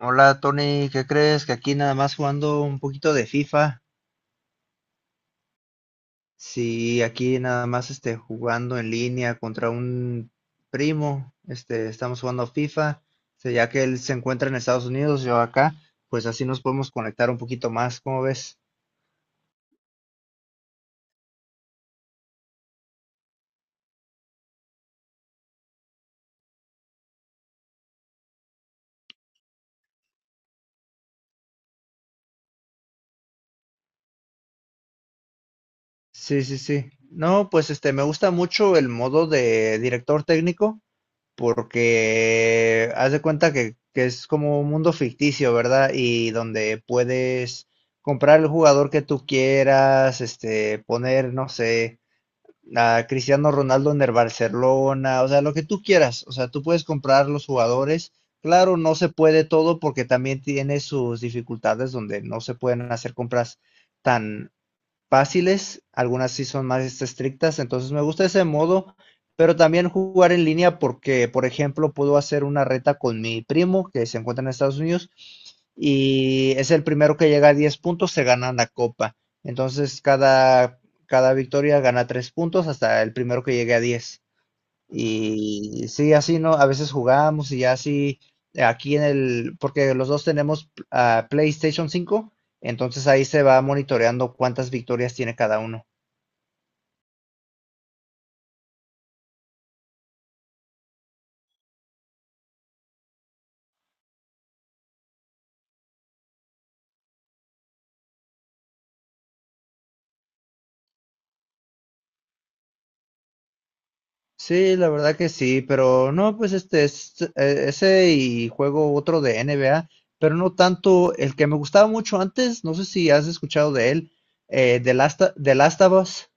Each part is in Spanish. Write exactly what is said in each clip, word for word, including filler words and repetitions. Hola Tony, ¿qué crees? Que aquí nada más jugando un poquito de FIFA. Sí, aquí nada más este, jugando en línea contra un primo. Este, estamos jugando FIFA. Este, ya que él se encuentra en Estados Unidos, yo acá, pues así nos podemos conectar un poquito más, ¿cómo ves? Sí, sí, sí. No, pues este, me gusta mucho el modo de director técnico. Porque haz de cuenta que, que es como un mundo ficticio, ¿verdad? Y donde puedes comprar el jugador que tú quieras, este, poner, no sé, a Cristiano Ronaldo en el Barcelona, o sea, lo que tú quieras, o sea, tú puedes comprar los jugadores. Claro, no se puede todo porque también tiene sus dificultades donde no se pueden hacer compras tan fáciles, algunas sí son más este, estrictas, entonces me gusta ese modo, pero también jugar en línea porque, por ejemplo, puedo hacer una reta con mi primo que se encuentra en Estados Unidos y es el primero que llega a diez puntos, se gana la copa. Entonces cada, cada victoria gana tres puntos hasta el primero que llegue a diez. Y sí, así no, a veces jugábamos y así aquí en el, porque los dos tenemos ah, PlayStation cinco, entonces ahí se va monitoreando cuántas victorias tiene cada uno. Sí, la verdad que sí, pero no, pues este es eh, ese y juego otro de N B A, pero no tanto el que me gustaba mucho antes, no sé si has escuchado de él, eh, The Last, The Last of Us.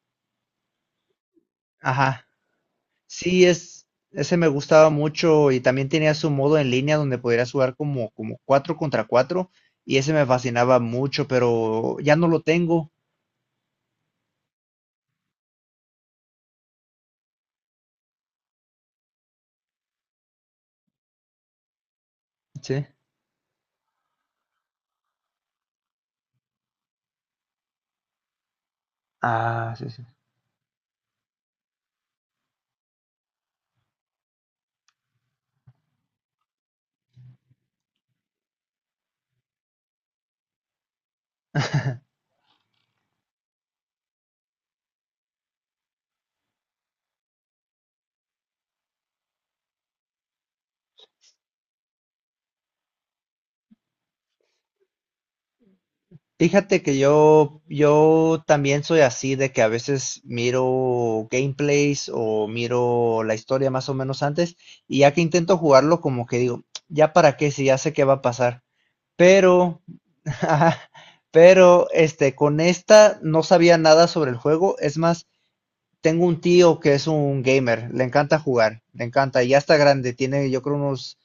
Ajá. Sí, es, ese me gustaba mucho y también tenía su modo en línea donde podrías jugar como, como cuatro contra cuatro, y ese me fascinaba mucho, pero ya no lo tengo. Sí. Ah, sí, sí. Fíjate que yo, yo también soy así de que a veces miro gameplays o miro la historia más o menos antes, y ya que intento jugarlo como que digo, ¿ya para qué? Si ya sé qué va a pasar. Pero, pero, este, con esta no sabía nada sobre el juego. Es más, tengo un tío que es un gamer, le encanta jugar, le encanta, y ya está grande, tiene yo creo unos,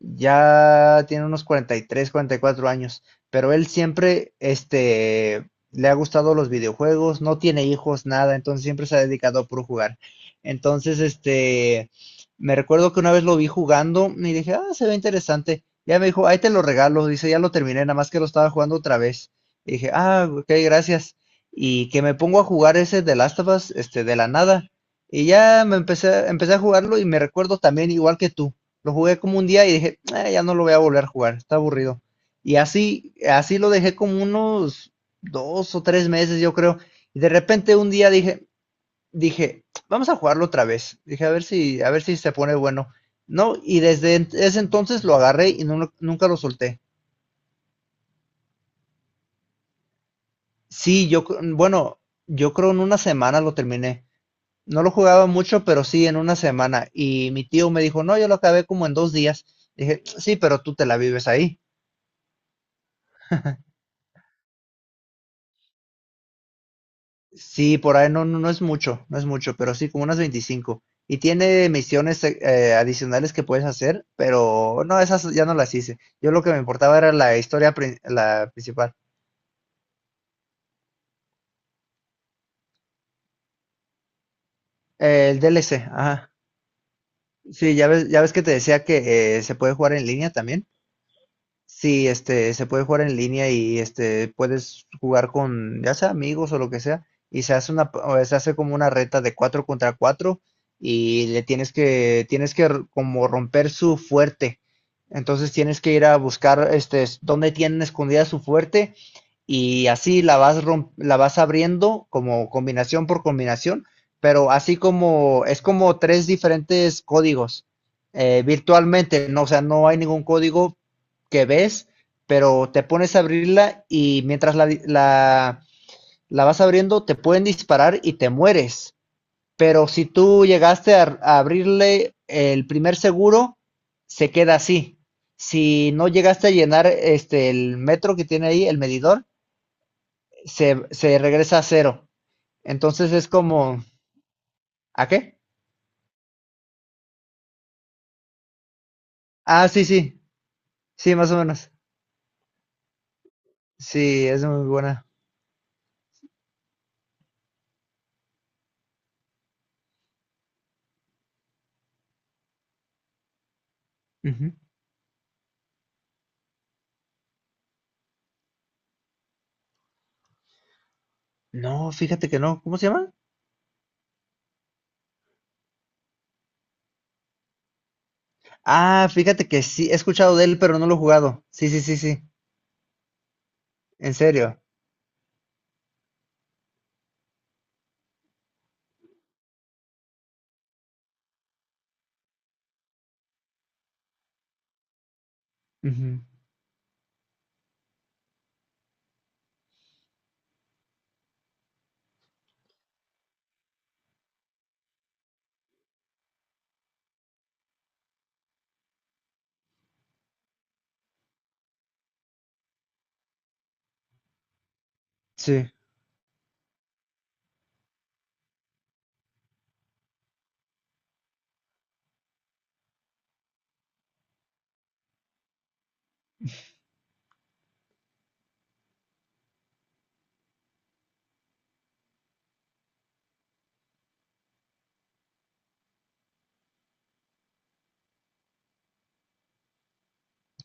ya tiene unos cuarenta y tres, cuarenta y cuatro años, pero él siempre, este, le ha gustado los videojuegos, no tiene hijos, nada, entonces siempre se ha dedicado a puro jugar. Entonces, este, me recuerdo que una vez lo vi jugando y dije, ah, se ve interesante. Ya me dijo, ahí te lo regalo, dice, ya lo terminé, nada más que lo estaba jugando otra vez. Y dije, ah, ok, gracias, y que me pongo a jugar ese de Last of Us, este, de la nada. Y ya me empecé, empecé a jugarlo y me recuerdo también igual que tú. Lo jugué como un día y dije: "Ah, ya no lo voy a volver a jugar, está aburrido". Y así, así lo dejé como unos dos o tres meses, yo creo. Y de repente un día dije, dije, vamos a jugarlo otra vez. Dije, a ver si, a ver si se pone bueno. No, y desde ent- ese entonces lo agarré y no lo- nunca lo solté. Sí, yo, cr- bueno, yo creo en una semana lo terminé. No lo jugaba mucho, pero sí en una semana. Y mi tío me dijo, no, yo lo acabé como en dos días. Dije, sí, pero tú te la vives ahí. Sí, por ahí no, no, no es mucho, no es mucho, pero sí, como unas veinticinco. Y tiene misiones eh, adicionales que puedes hacer, pero no, esas ya no las hice. Yo lo que me importaba era la historia prin- la principal. Eh, el D L C, ajá. Sí, ya ves, ya ves que te decía que eh, se puede jugar en línea también. Sí, este, se puede jugar en línea y este, puedes jugar con ya sea amigos o lo que sea, y se hace una, o se hace como una reta de cuatro contra cuatro, y le tienes que, tienes que r- como romper su fuerte. Entonces tienes que ir a buscar este, s- dónde tienen escondida su fuerte, y así la vas, rom- la vas abriendo como combinación por combinación, pero así como es como tres diferentes códigos eh, virtualmente, no, o sea, no hay ningún código que ves, pero te pones a abrirla y mientras la, la, la vas abriendo te pueden disparar y te mueres. Pero si tú llegaste a, a abrirle el primer seguro, se queda así. Si no llegaste a llenar este, el metro que tiene ahí, el medidor, se, se regresa a cero. Entonces es como, ¿a qué? Ah, sí, sí, sí, más o menos. Sí, es muy buena. Ujú. No, fíjate que no. ¿Cómo se llama? Ah, fíjate que sí, he escuchado de él, pero no lo he jugado. Sí, sí, sí, sí. En serio. Ujú. Sí,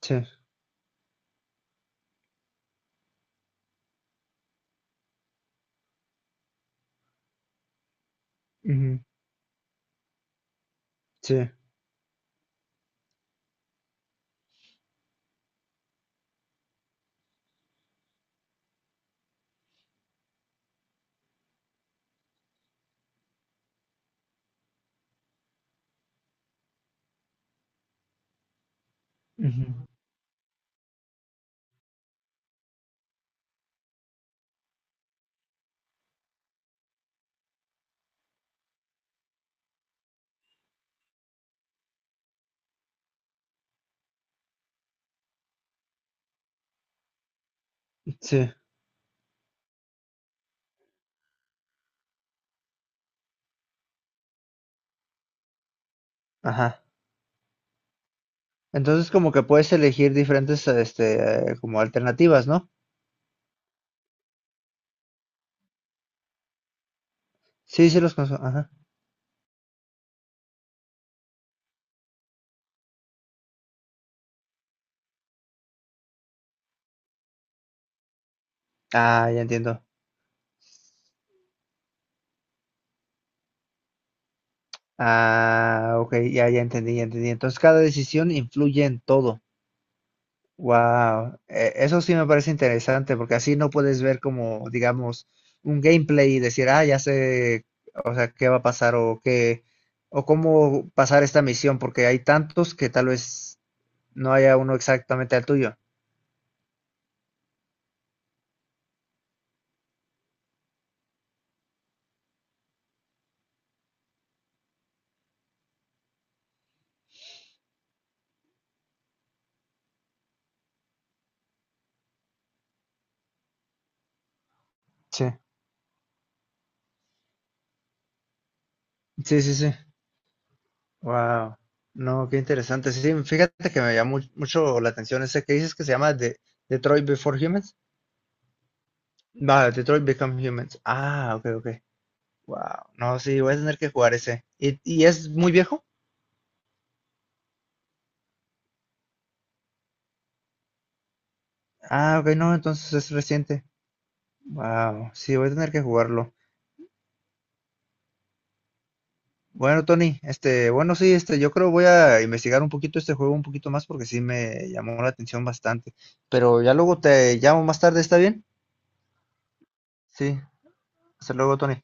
sí. Ujú. Sí. Ujú. Sí. Ajá. Entonces como que puedes elegir diferentes, este, eh, como alternativas, ¿no? Sí, sí los conozco. Ajá. Ah, ya entiendo. Ah, ok, ya, ya entendí, ya entendí. Entonces cada decisión influye en todo. Wow, eso sí me parece interesante porque así no puedes ver como, digamos, un gameplay y decir, ah, ya sé, o sea, qué va a pasar o qué, o cómo pasar esta misión, porque hay tantos que tal vez no haya uno exactamente al tuyo. Sí, sí, sí, sí. Wow, no, qué interesante. Sí, fíjate que me llamó mucho la atención ese que dices que se llama De- Detroit Before Humans. Va, Detroit Become Humans. Ah, ok, ok. Wow, no, sí, voy a tener que jugar ese. ¿Y, y es muy viejo? Ah, ok, no, entonces es reciente. Wow, sí, voy a tener que jugarlo. Bueno, Tony, este, bueno, sí, este, yo creo voy a investigar un poquito este juego un poquito más, porque sí me llamó la atención bastante. Pero ya luego te llamo más tarde, ¿está bien? Sí, hasta luego, Tony.